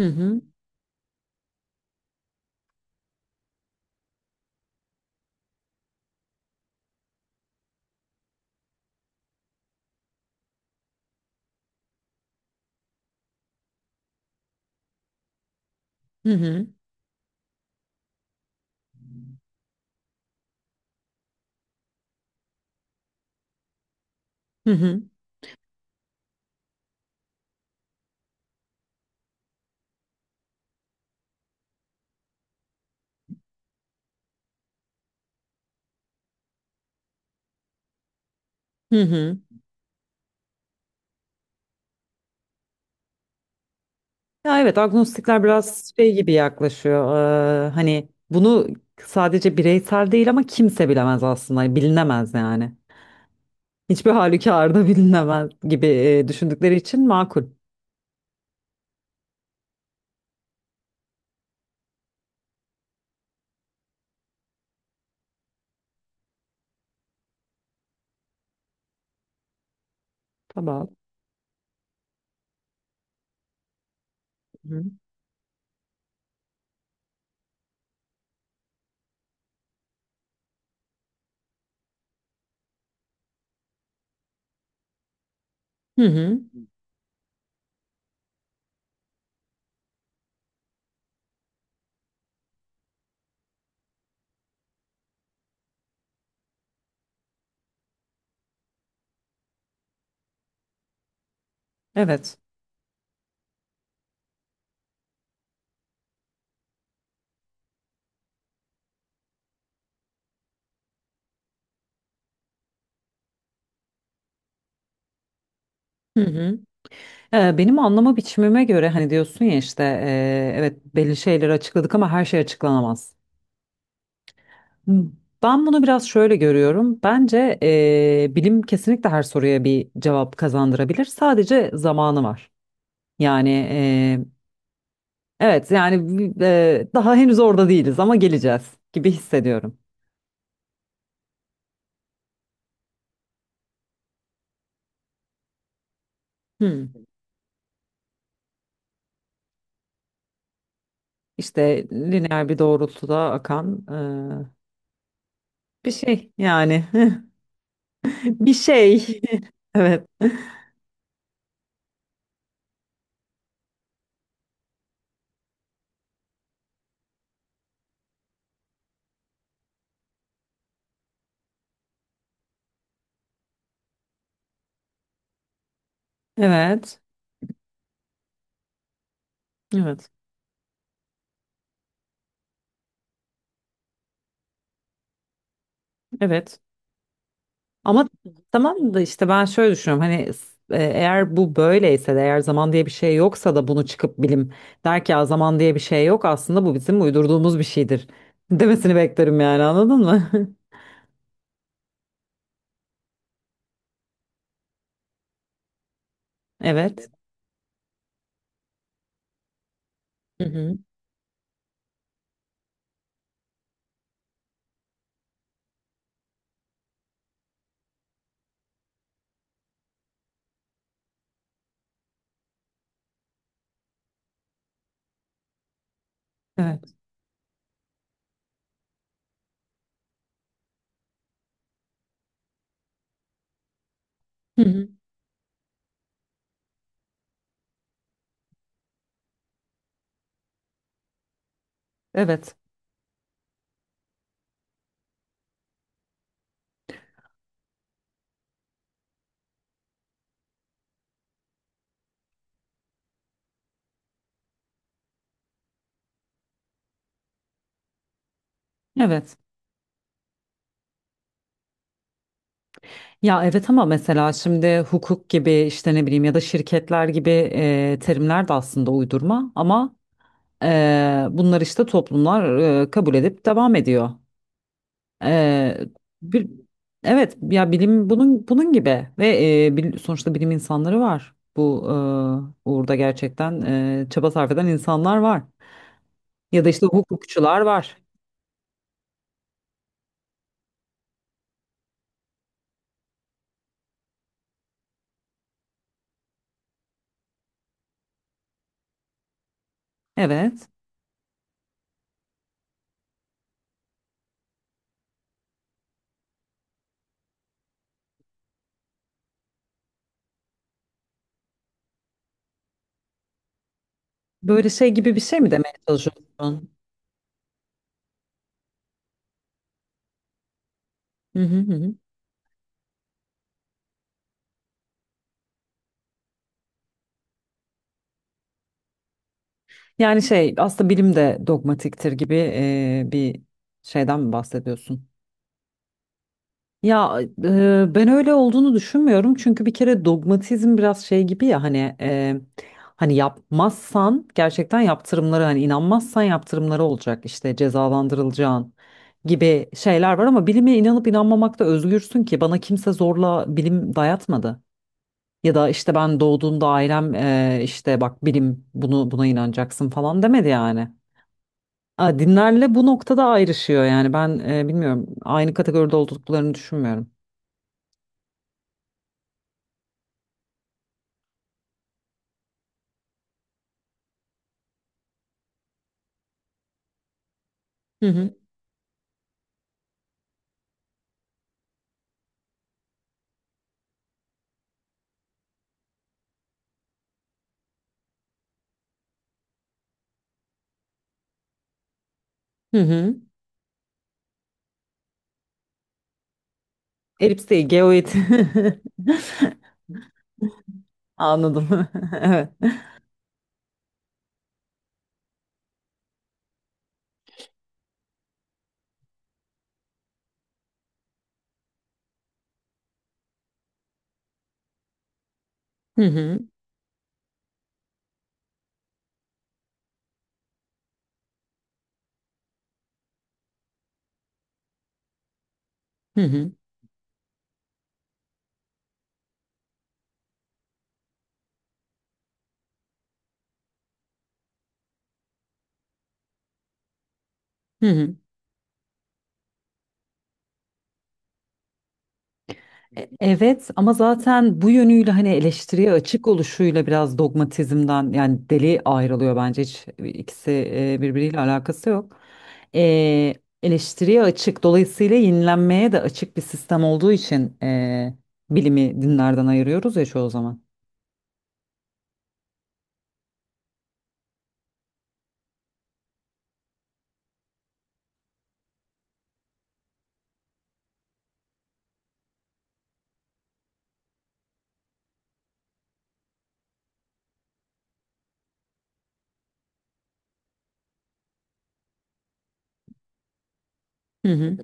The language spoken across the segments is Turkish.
Hı hı. Hı hı. Hı hı. Hı hı. Ya evet agnostikler biraz şey gibi yaklaşıyor. Hani bunu sadece bireysel değil ama kimse bilemez aslında. Hani bilinemez yani. Hiçbir halükarda bilinemez gibi düşündükleri için makul. Tamam. Hı hı. Hı hı. Evet. Hı hı. Benim anlama biçimime göre hani diyorsun ya işte evet belli şeyleri açıkladık ama her şey açıklanamaz. Ben bunu biraz şöyle görüyorum. Bence bilim kesinlikle her soruya bir cevap kazandırabilir. Sadece zamanı var. Yani evet yani daha henüz orada değiliz ama geleceğiz gibi hissediyorum. Hmm. İşte lineer bir doğrultuda akan bir şey yani bir şey. Evet. Evet. Evet. Evet. Ama tamam da işte ben şöyle düşünüyorum hani eğer bu böyleyse de eğer zaman diye bir şey yoksa da bunu çıkıp bilim der ki ya zaman diye bir şey yok aslında bu bizim uydurduğumuz bir şeydir demesini beklerim yani anladın mı? Evet. Hı hı. Evet. Hı hı. Evet. Evet. Ya evet ama mesela şimdi hukuk gibi işte ne bileyim ya da şirketler gibi terimler de aslında uydurma ama bunlar işte toplumlar kabul edip devam ediyor. Ee, bir, evet ya bilim bunun gibi ve sonuçta bilim insanları var. Bu uğurda gerçekten çaba sarf eden insanlar var. Ya da işte hukukçular var. Evet. Böyle şey gibi bir şey mi demeye çalışıyorsun? Hı hı hı. Hı. Yani şey aslında bilim de dogmatiktir gibi bir şeyden mi bahsediyorsun? Ya ben öyle olduğunu düşünmüyorum çünkü bir kere dogmatizm biraz şey gibi ya hani hani yapmazsan gerçekten yaptırımları hani inanmazsan yaptırımları olacak işte cezalandırılacağın gibi şeyler var ama bilime inanıp inanmamakta özgürsün ki bana kimse zorla bilim dayatmadı. Ya da işte ben doğduğumda ailem işte bak bilim bunu buna inanacaksın falan demedi yani. Aa, dinlerle bu noktada ayrışıyor yani ben bilmiyorum aynı kategoride olduklarını düşünmüyorum. Hı hı. Hı hı. Elips değil, geoid. Anladım. Evet. Hı hı. Hı hı. Hı hı. Evet ama zaten bu yönüyle hani eleştiriye açık oluşuyla biraz dogmatizmden yani deli ayrılıyor bence hiç ikisi birbiriyle alakası yok. E, eleştiriye açık dolayısıyla yenilenmeye de açık bir sistem olduğu için bilimi dinlerden ayırıyoruz ya çoğu zaman. Hı hı.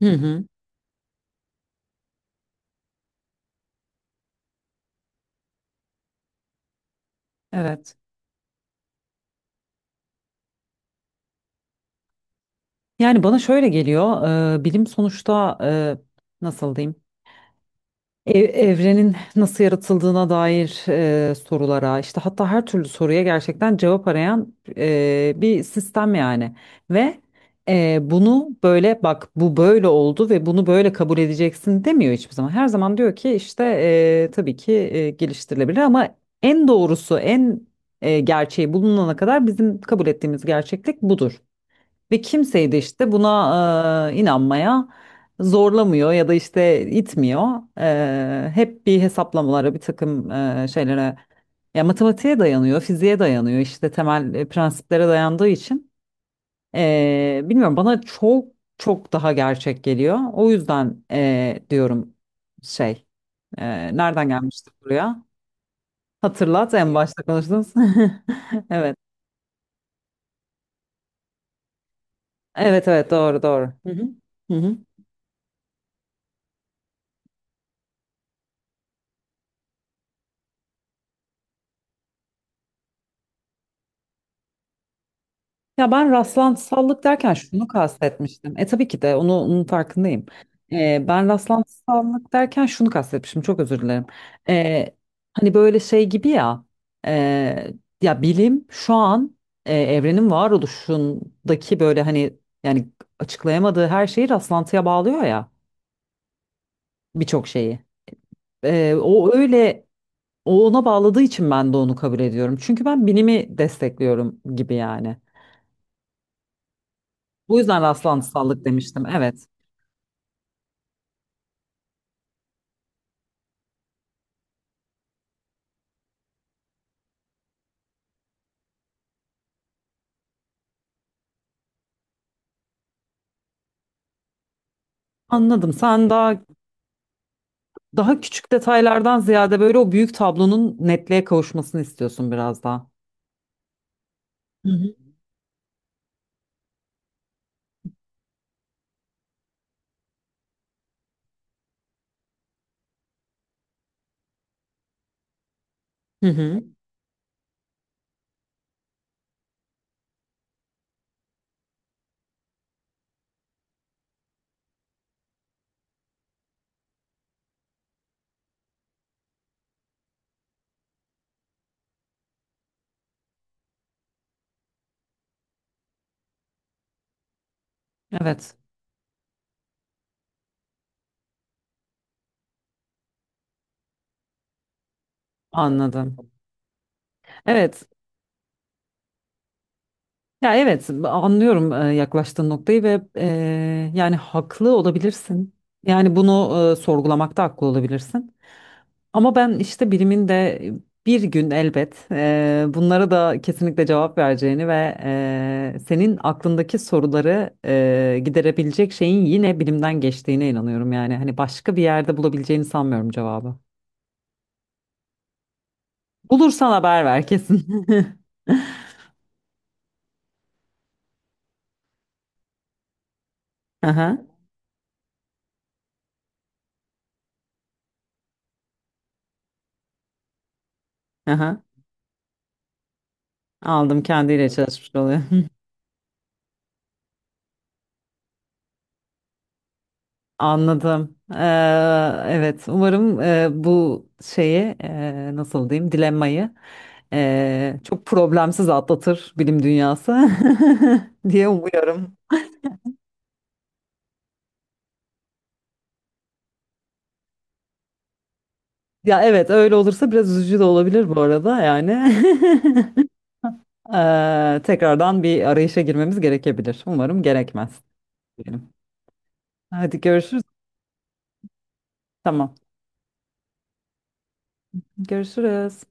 Hı hı. Evet. Yani bana şöyle geliyor, bilim sonuçta nasıl diyeyim, evrenin nasıl yaratıldığına dair sorulara, işte hatta her türlü soruya gerçekten cevap arayan bir sistem yani. Ve bunu böyle bak bu böyle oldu ve bunu böyle kabul edeceksin demiyor hiçbir zaman. Her zaman diyor ki işte tabii ki geliştirilebilir ama en doğrusu, en gerçeği bulunana kadar bizim kabul ettiğimiz gerçeklik budur. Ve kimseyi de işte buna inanmaya zorlamıyor ya da işte itmiyor. Hep bir hesaplamalara, bir takım şeylere, ya matematiğe dayanıyor, fiziğe dayanıyor, işte temel prensiplere dayandığı için. Bilmiyorum bana çok çok daha gerçek geliyor. O yüzden diyorum şey, nereden gelmiştik buraya? Hatırlat en başta konuştuğumuz. Evet, evet, evet doğru doğru. Hı hı. Hı hı. Ya ben rastlantısallık derken şunu kastetmiştim. Tabii ki de onu, onun farkındayım. Ben rastlantısallık derken şunu kastetmiştim. Çok özür dilerim. E, hani böyle şey gibi ya. e, ya bilim şu an evrenin varoluşundaki böyle hani yani açıklayamadığı her şeyi rastlantıya bağlıyor ya birçok şeyi. E, o öyle o ona bağladığı için ben de onu kabul ediyorum. Çünkü ben bilimi destekliyorum gibi yani. Bu yüzden rastlantısallık demiştim. Evet. Anladım. Sen daha küçük detaylardan ziyade böyle o büyük tablonun netliğe kavuşmasını istiyorsun biraz daha. Hı hı. Hı hı. Evet, anladım. Evet. Ya evet, anlıyorum yaklaştığın noktayı ve yani haklı olabilirsin. Yani bunu sorgulamakta haklı olabilirsin. Ama ben işte bilimin de bir gün elbet bunlara da kesinlikle cevap vereceğini ve senin aklındaki soruları giderebilecek şeyin yine bilimden geçtiğine inanıyorum. Yani hani başka bir yerde bulabileceğini sanmıyorum cevabı. Bulursan haber ver kesin. Aha, aha. Aldım kendiyle çalışmış oluyor. Anladım. Evet, umarım bu şeyi nasıl diyeyim dilemmayı çok problemsiz atlatır bilim dünyası diye umuyorum. Ya evet öyle olursa biraz üzücü de olabilir bu arada yani. Tekrardan bir arayışa girmemiz gerekebilir. Umarım gerekmez diyelim. Hadi görüşürüz. Tamam. Görüşürüz.